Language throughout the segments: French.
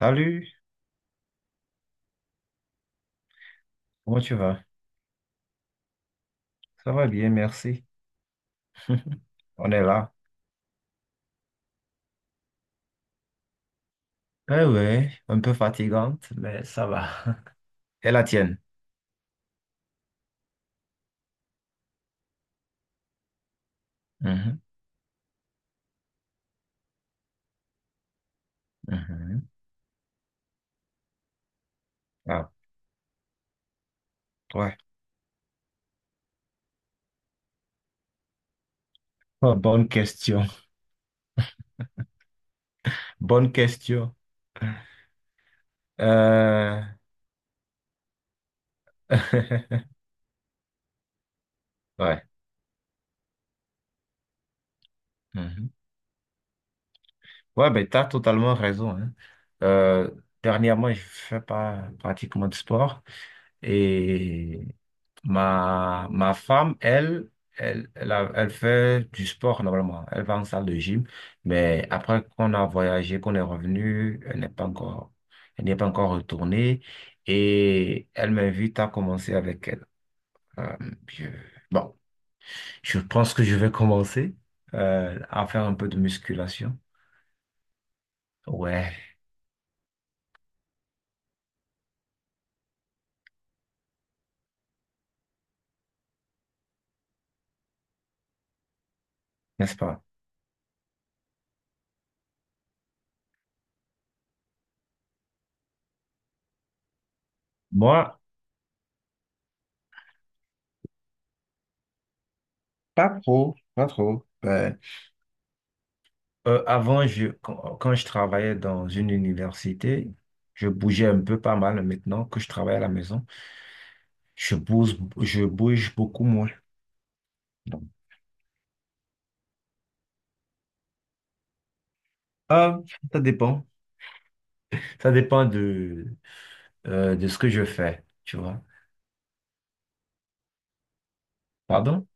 Salut, comment tu vas? Ça va bien, merci. On est là. Eh ouais, un peu fatigante, mais ça va. Et la tienne? Mhm, mhm. Ah, ouais. Oh, bonne question. Bonne question. Euh, Ouais. Mhm. Ouais, ben, t'as totalement raison, hein. Euh, dernièrement, je fais pas pratiquement de sport. Et ma femme, elle, elle fait du sport normalement. Elle va en salle de gym. Mais après qu'on a voyagé, qu'on est revenu, elle n'est pas encore retournée. Et elle m'invite à commencer avec elle. Euh, je- bon, je pense que je vais commencer à faire un peu de musculation. Ouais, n'est-ce pas? Moi, pas trop, pas trop. Ben euh, avant, je, quand, quand je travaillais dans une université, je bougeais un peu pas mal. Maintenant que je travaille à la maison, je bouge beaucoup moins. Donc, ah, ça dépend. Ça dépend de, de ce que je fais, tu vois. Pardon?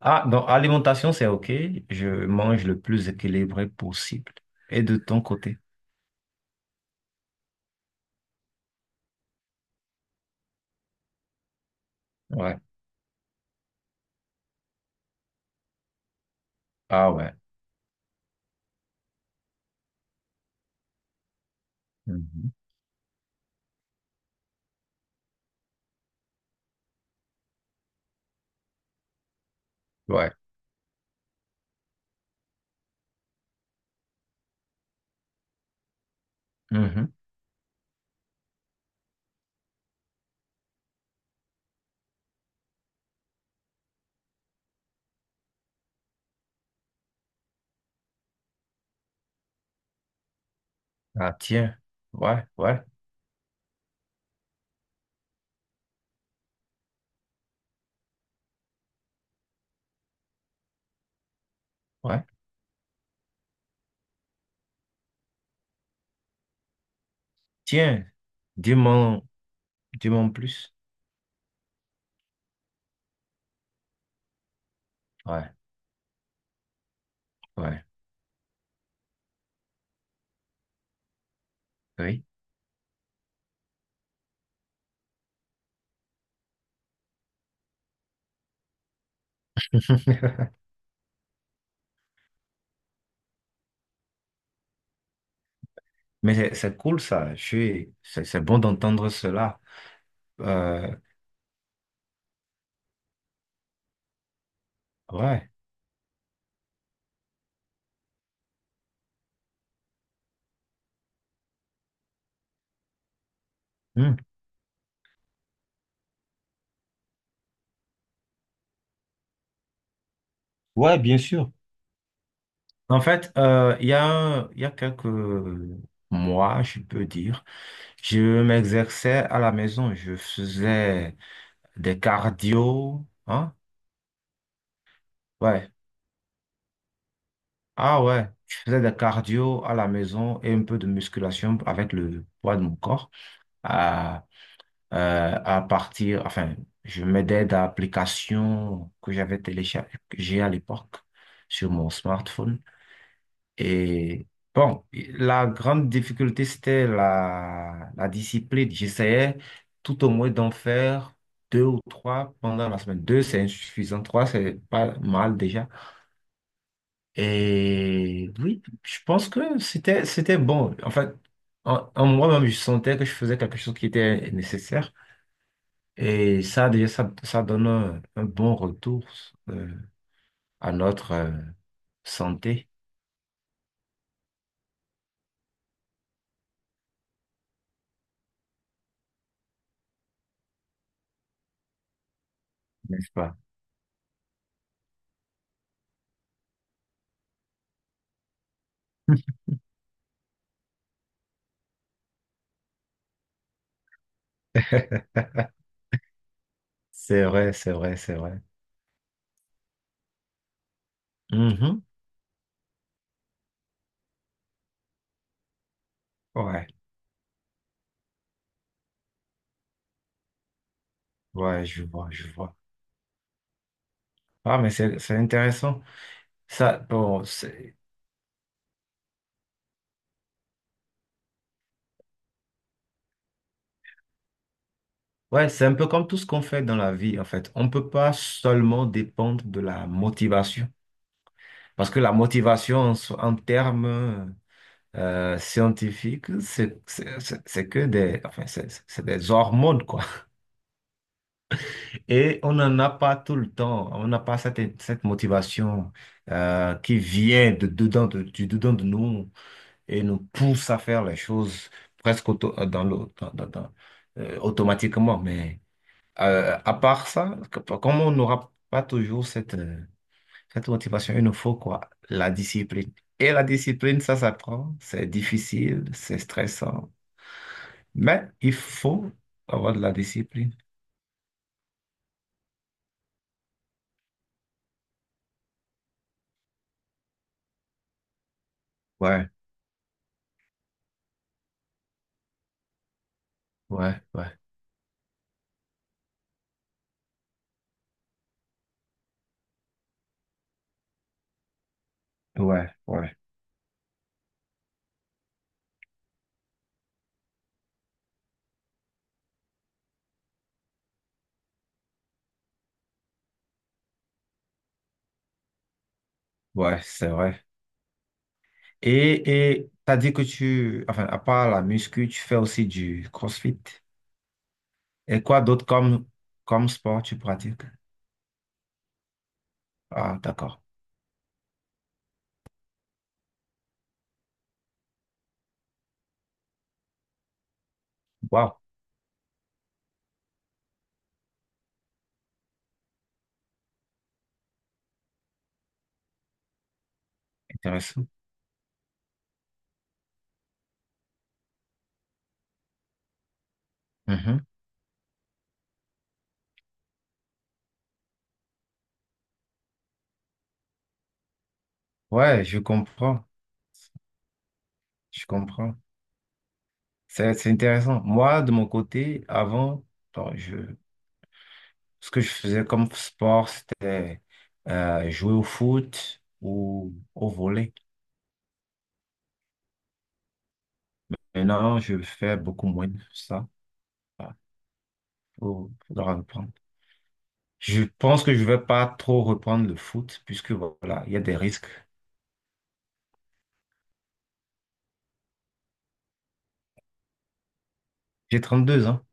Ah, dans alimentation, c'est OK. Je mange le plus équilibré possible. Et de ton côté? Ouais. Ah ouais. Mhm. Ouais. Mhm. Ah tiens. Ouais, ouais, ouais. Tiens, dis-moi, dis-moi en plus. Ouais. Ouais, oui. Mais c'est cool ça. Je suis, c'est bon d'entendre cela. Euh, ouais. Hmm. Ouais, bien sûr. En fait, il y a quelques mois, je peux dire, je m'exerçais à la maison. Je faisais des cardio. Hein? Ouais. Ah ouais. Je faisais des cardio à la maison et un peu de musculation avec le poids de mon corps. Euh, euh, à partir, enfin, je m'aidais d'applications que j'avais téléchargées à l'époque sur mon smartphone. Et bon, la grande difficulté, c'était la discipline. J'essayais tout au moins d'en faire deux ou trois pendant la semaine. Deux, c'est insuffisant. Trois, c'est pas mal déjà. Et oui, je pense que c'était bon. En fait, en moi-même, je sentais que je faisais quelque chose qui était nécessaire. Et ça, déjà, ça donne un bon retour euh, à notre santé, n'est-ce pas? C'est vrai, c'est vrai, c'est vrai. Mhm. Ouais, ouais, je vois, je vois. Ah, mais c'est intéressant. Ça, bon, c'est, ouais, c'est un peu comme tout ce qu'on fait dans la vie, en fait. On ne peut pas seulement dépendre de la motivation. Parce que la motivation, en termes scientifiques, c'est que des, enfin, c'est des hormones, quoi. Et on n'en a pas tout le temps, on n'a pas cette motivation qui vient de dedans de nous et nous pousse à faire les choses presque auto- dans le- dans- dans- dans- automatiquement. Mais à part ça, comme on n'aura pas toujours cette motivation, il nous faut quoi? La discipline. Et la discipline, ça s'apprend, c'est difficile, c'est stressant, mais il faut avoir de la discipline. Ouais, ouais, ouais, ouais, ouais. Ouais, c'est vrai. Et t'as dit que tu, enfin, à part la muscu, tu fais aussi du CrossFit. Et quoi d'autre comme sport tu pratiques? Ah, d'accord. Wow, intéressant. Mhm. Ouais, je comprends. Je comprends. C'est intéressant. Moi, de mon côté, avant, bon, je, ce que je faisais comme sport, c'était jouer au foot ou au volley. Maintenant, je fais beaucoup moins de ça. Il faudra reprendre. Je pense que je vais pas trop reprendre le foot puisque voilà, il y a des risques. J'ai 32 ans.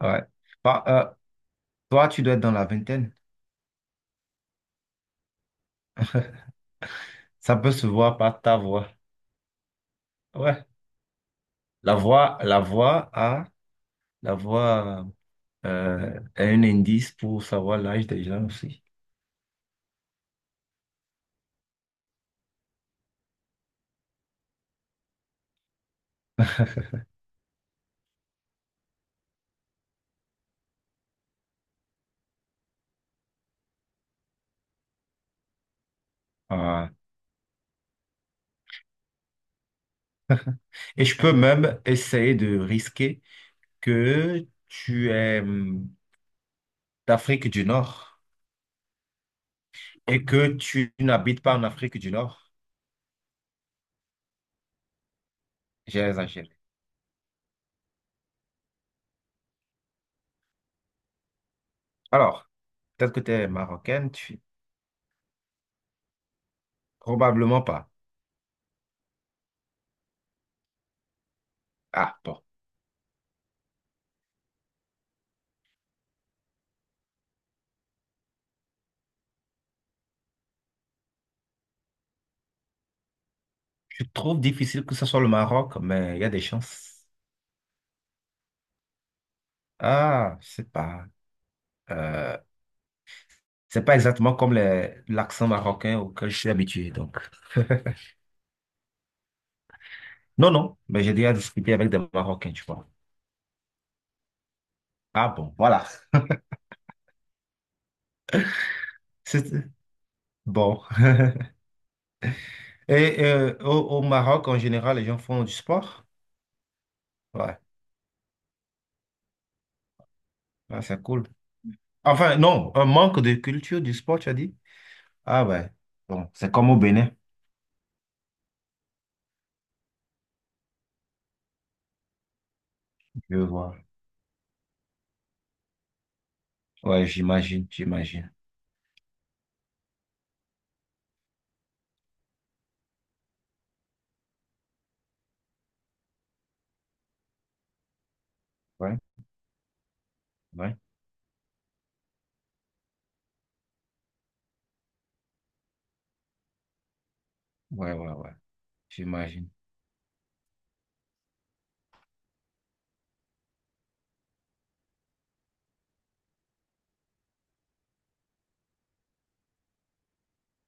Ouais. Bah, toi, tu dois être dans la vingtaine. Ça peut se voir par ta voix. Ouais. La voix, la voix a, la voix a un indice pour savoir l'âge des gens aussi. Ah. Et je peux même essayer de risquer que tu es d'Afrique du Nord et que tu n'habites pas en Afrique du Nord. J'ai exagéré. Alors, peut-être que tu es marocaine, tu, probablement pas. Ah, bon. Je trouve difficile que ce soit le Maroc, mais il y a des chances. Ah, je sais pas. Euh, c'est pas exactement comme l'accent marocain auquel je suis habitué, donc. Non, non, mais j'ai déjà discuté avec des Marocains, tu vois. Ah bon, voilà. C'est bon. Et au Maroc, en général, les gens font du sport? Ouais, ouais, c'est cool. Enfin, non, un manque de culture du sport, tu as dit? Ah ouais. Bon, c'est comme au Bénin, je vois. Ouais, j'imagine, j'imagine. Ouais, ouais, ouais, ouais, ouais. J'imagine.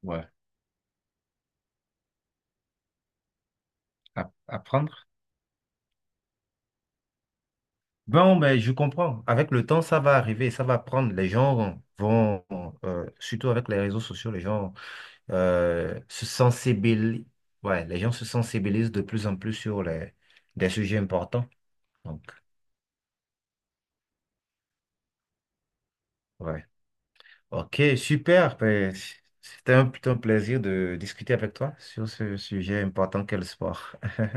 Ouais. Apprendre. Bon, ben, je comprends. Avec le temps, ça va arriver, ça va prendre. Les gens vont, surtout avec les réseaux sociaux, les gens se sensibilisent. Ouais, les gens se sensibilisent de plus en plus sur des sujets importants. Donc, ouais. Ok, super. Ben, c'était plutôt un plaisir de discuter avec toi sur ce sujet important qu'est le sport.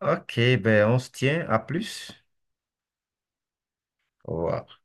Ok, ben on se tient. À plus. Au revoir.